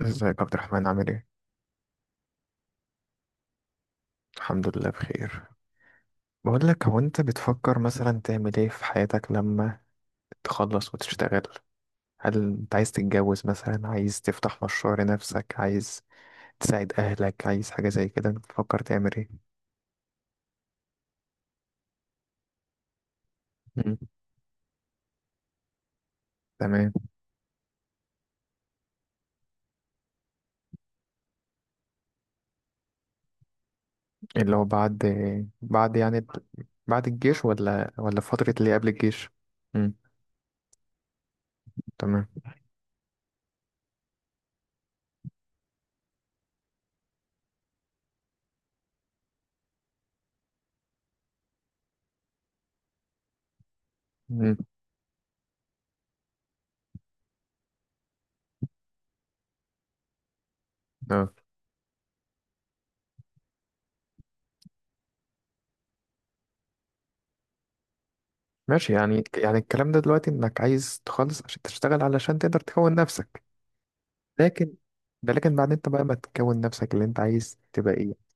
ازيك يا عبد الرحمن، عامل ايه؟ الحمد لله بخير. بقول لك، هو انت بتفكر مثلا تعمل ايه في حياتك لما تخلص وتشتغل؟ هل انت عايز تتجوز مثلا، عايز تفتح مشروع لنفسك، عايز تساعد اهلك، عايز حاجة زي كده؟ انت بتفكر تعمل ايه؟ مم. تمام. اللي هو بعد، بعد يعني ال- بعد الجيش، ولا فترة اللي قبل الجيش؟ امم. تمام. امم. اه، ماشي، يعني الكلام ده دلوقتي انك عايز تخلص عشان تشتغل، علشان تقدر تكون نفسك. لكن ده لكن بعد، انت بقى ما تكون نفسك اللي انت عايز تبقى ايه؟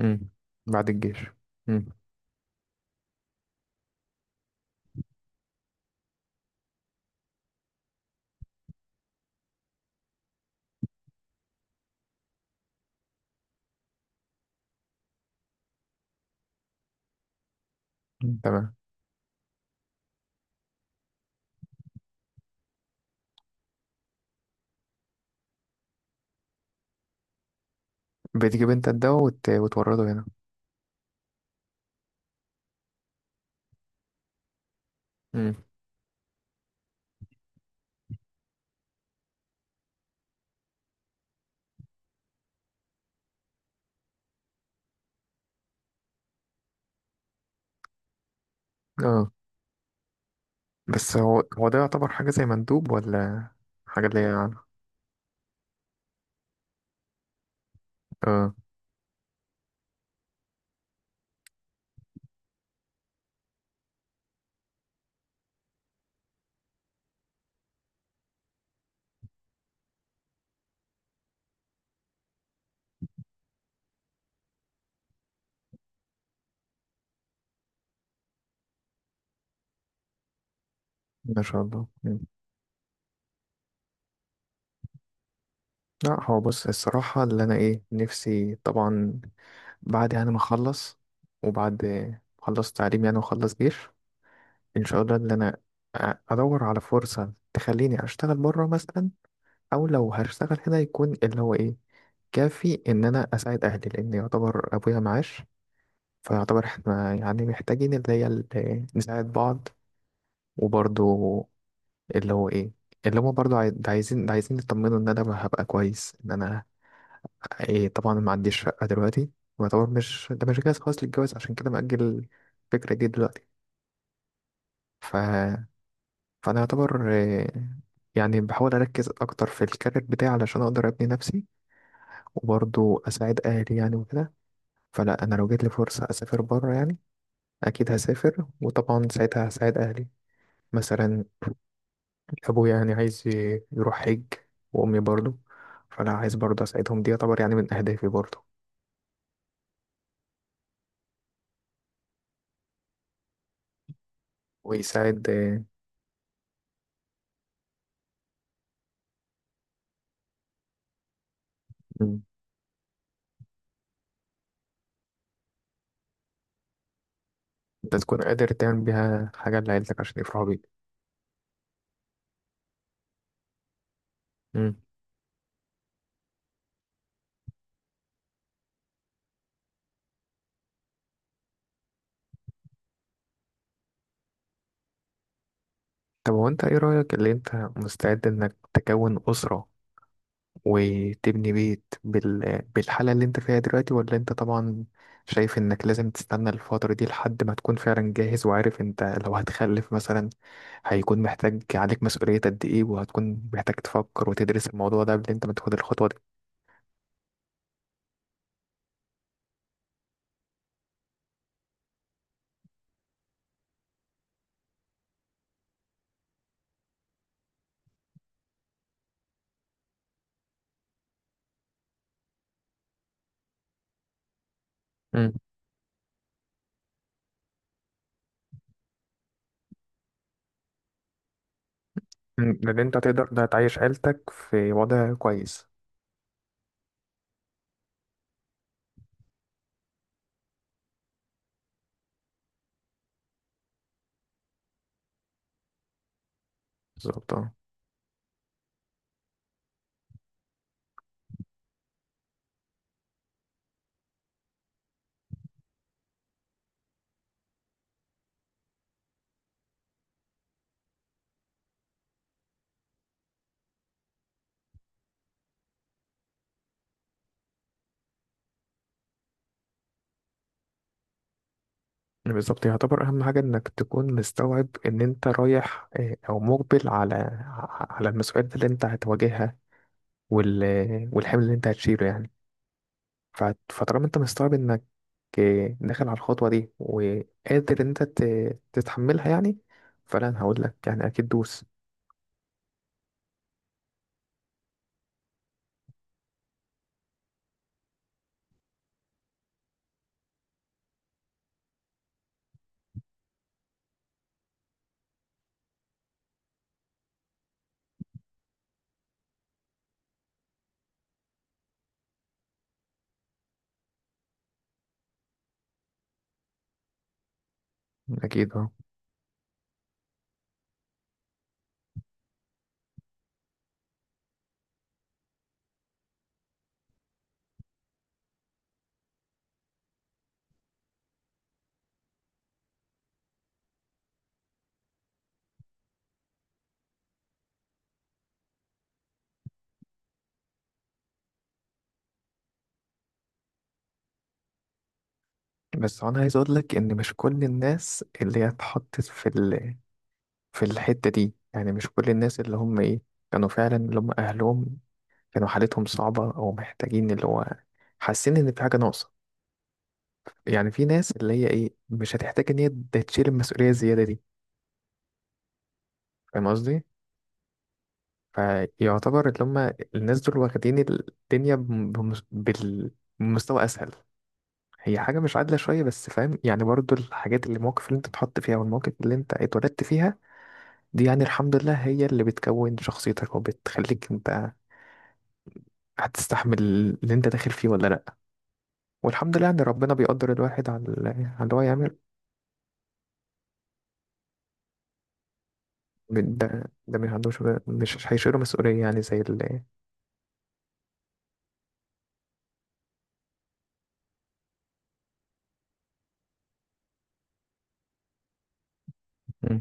امم. بعد الجيش. امم. مم. تمام. بتجيب انت الدواء وتورده هنا؟ امم. اه. بس هو ده يعتبر حاجة زي مندوب، ولا حاجة اللي هي يعني. اه، ما شاء الله. مم. لا، هو بص، الصراحة اللي انا ايه نفسي طبعا بعد يعني ما اخلص، وبعد ما اخلص تعليم يعني واخلص جيش، ان شاء الله اللي انا ادور على فرصة تخليني اشتغل بره مثلا، او لو هشتغل هنا يكون اللي هو ايه كافي ان انا اساعد اهلي، لان يعتبر ابويا معاش، فيعتبر احنا يعني محتاجين اللي هي نساعد بعض. وبرضو اللي هو ايه، اللي هما برضو ده عايزين يطمنوا ان انا هبقى كويس، ان انا ايه طبعا ما عنديش شقة دلوقتي، ويعتبر مش جاهز خالص للجواز، عشان كده مأجل الفكرة دي دلوقتي. ف... فانا يعتبر إيه، يعني بحاول اركز اكتر في الكارير بتاعي علشان اقدر ابني نفسي، وبرضو اساعد اهلي يعني وكده. فلا، انا لو جات لي فرصه اسافر بره يعني اكيد هسافر، وطبعا ساعتها هساعد اهلي. مثلا ابويا يعني عايز يروح حج، وامي برضو. فانا عايز برضو اساعدهم، دي يعتبر يعني من اهدافي برضو. ويساعد مم، انت تكون قادر تعمل بيها حاجه لعيلتك عشان يفرحوا بيك. مم. طب هو انت ايه رايك، اللي انت مستعد انك تكون اسره وتبني بيت بالحالة اللي انت فيها دلوقتي، ولا انت طبعا شايف انك لازم تستنى الفترة دي لحد ما تكون فعلا جاهز، وعارف انت لو هتخلف مثلا هيكون محتاج عليك مسؤولية قد ايه، وهتكون محتاج تفكر وتدرس الموضوع ده قبل انت ما تاخد الخطوة دي؟ مم. لأن أنت هتقدر ده تعيش عيلتك في وضع كويس. بالظبط اه. بالظبط، يعتبر أهم حاجة إنك تكون مستوعب إن أنت رايح أو مقبل على على المسؤوليات اللي أنت هتواجهها وال... والحمل اللي انت هتشيله يعني. ف- فطالما انت مستوعب انك إيه، داخل على الخطوة دي وقادر ان انت تتحملها يعني، فلا انا هقول لك يعني اكيد دوس. اكيد اه. بس انا عايز اقول لك ان مش كل الناس اللي هي اتحطت في في الحتة دي، يعني مش كل الناس اللي هم ايه كانوا فعلا اللي هم اهلهم كانوا حالتهم صعبة، او محتاجين اللي هو حاسين ان في حاجة ناقصة. يعني في ناس اللي هي ايه مش هتحتاج ان هي تشيل المسؤولية الزيادة دي. فاهم قصدي؟ فيعتبر اللي هم الناس دول واخدين الدنيا بمستوى أسهل. هي حاجة مش عادلة شوية، بس فاهم يعني، برضو الحاجات اللي المواقف اللي انت اتحط فيها والمواقف اللي انت اتولدت فيها دي يعني الحمد لله هي اللي بتكون شخصيتك وبتخليك انت هتستحمل اللي انت داخل فيه ولا لأ. والحمد لله ان ربنا بيقدر الواحد على على اللي هو يعمل. من ده من عنده، مش عندوش مش هيشيله مسؤولية يعني زي اللي. مم.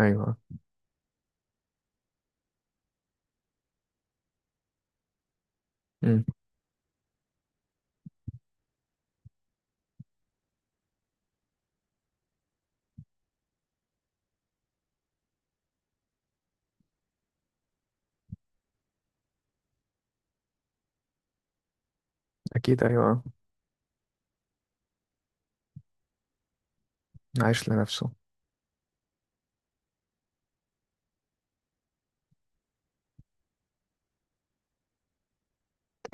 ايوه. مم. اكيد ايوه. عايش لنفسه.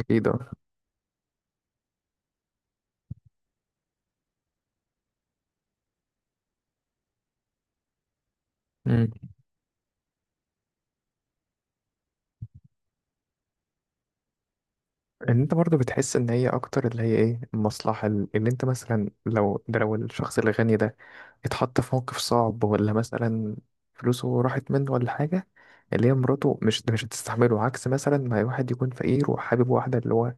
اكيد اه. مم. ان انت برضو بتحس ان هي اكتر اللي هي ايه المصلحة اللي انت مثلا لو لو الشخص الغني ده اتحط في موقف صعب، ولا مثلا فلوسه راحت منه ولا حاجة، اللي هي مراته مش هتستحمله، عكس مثلا ما واحد يكون فقير وحابب واحدة اللي هو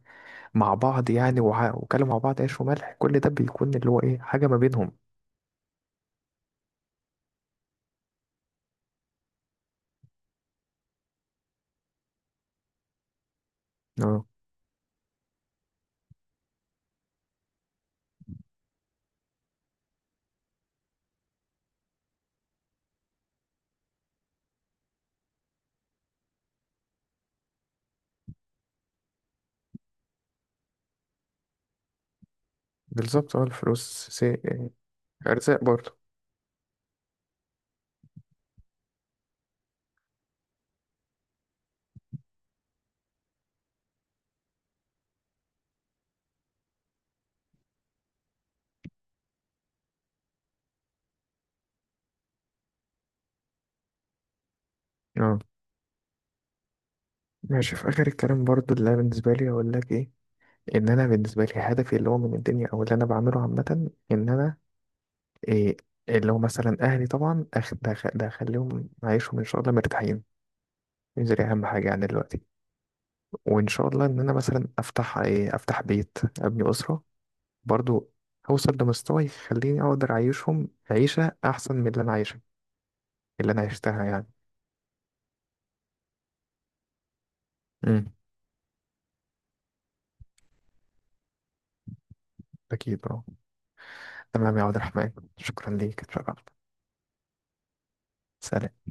مع بعض يعني، وكانوا مع بعض عيش وملح، كل ده بيكون اللي هو ايه حاجة ما بينهم. اه بالظبط اه. الفلوس ارزاق برضو. اه ماشي. في اخر الكلام برضو، اللي أنا بالنسبة لي اقول لك ايه، ان انا بالنسبه لي هدفي اللي هو من الدنيا او اللي انا بعمله عامه، ان انا إيه اللي هو مثلا اهلي طبعا أخ- ده أخ- ده اخليهم عايشهم ان شاء الله مرتاحين. دي اهم حاجه يعني دلوقتي. وان شاء الله ان انا مثلا افتح بيت، ابني اسره برضو، هوصل لمستوى يخليني اقدر اعيشهم عيشه احسن من اللي انا عايشها، اللي انا عشتها يعني. مم. اكيد اه. تمام يا عبد الرحمن، شكرا ليك، اتشرفت. سلام.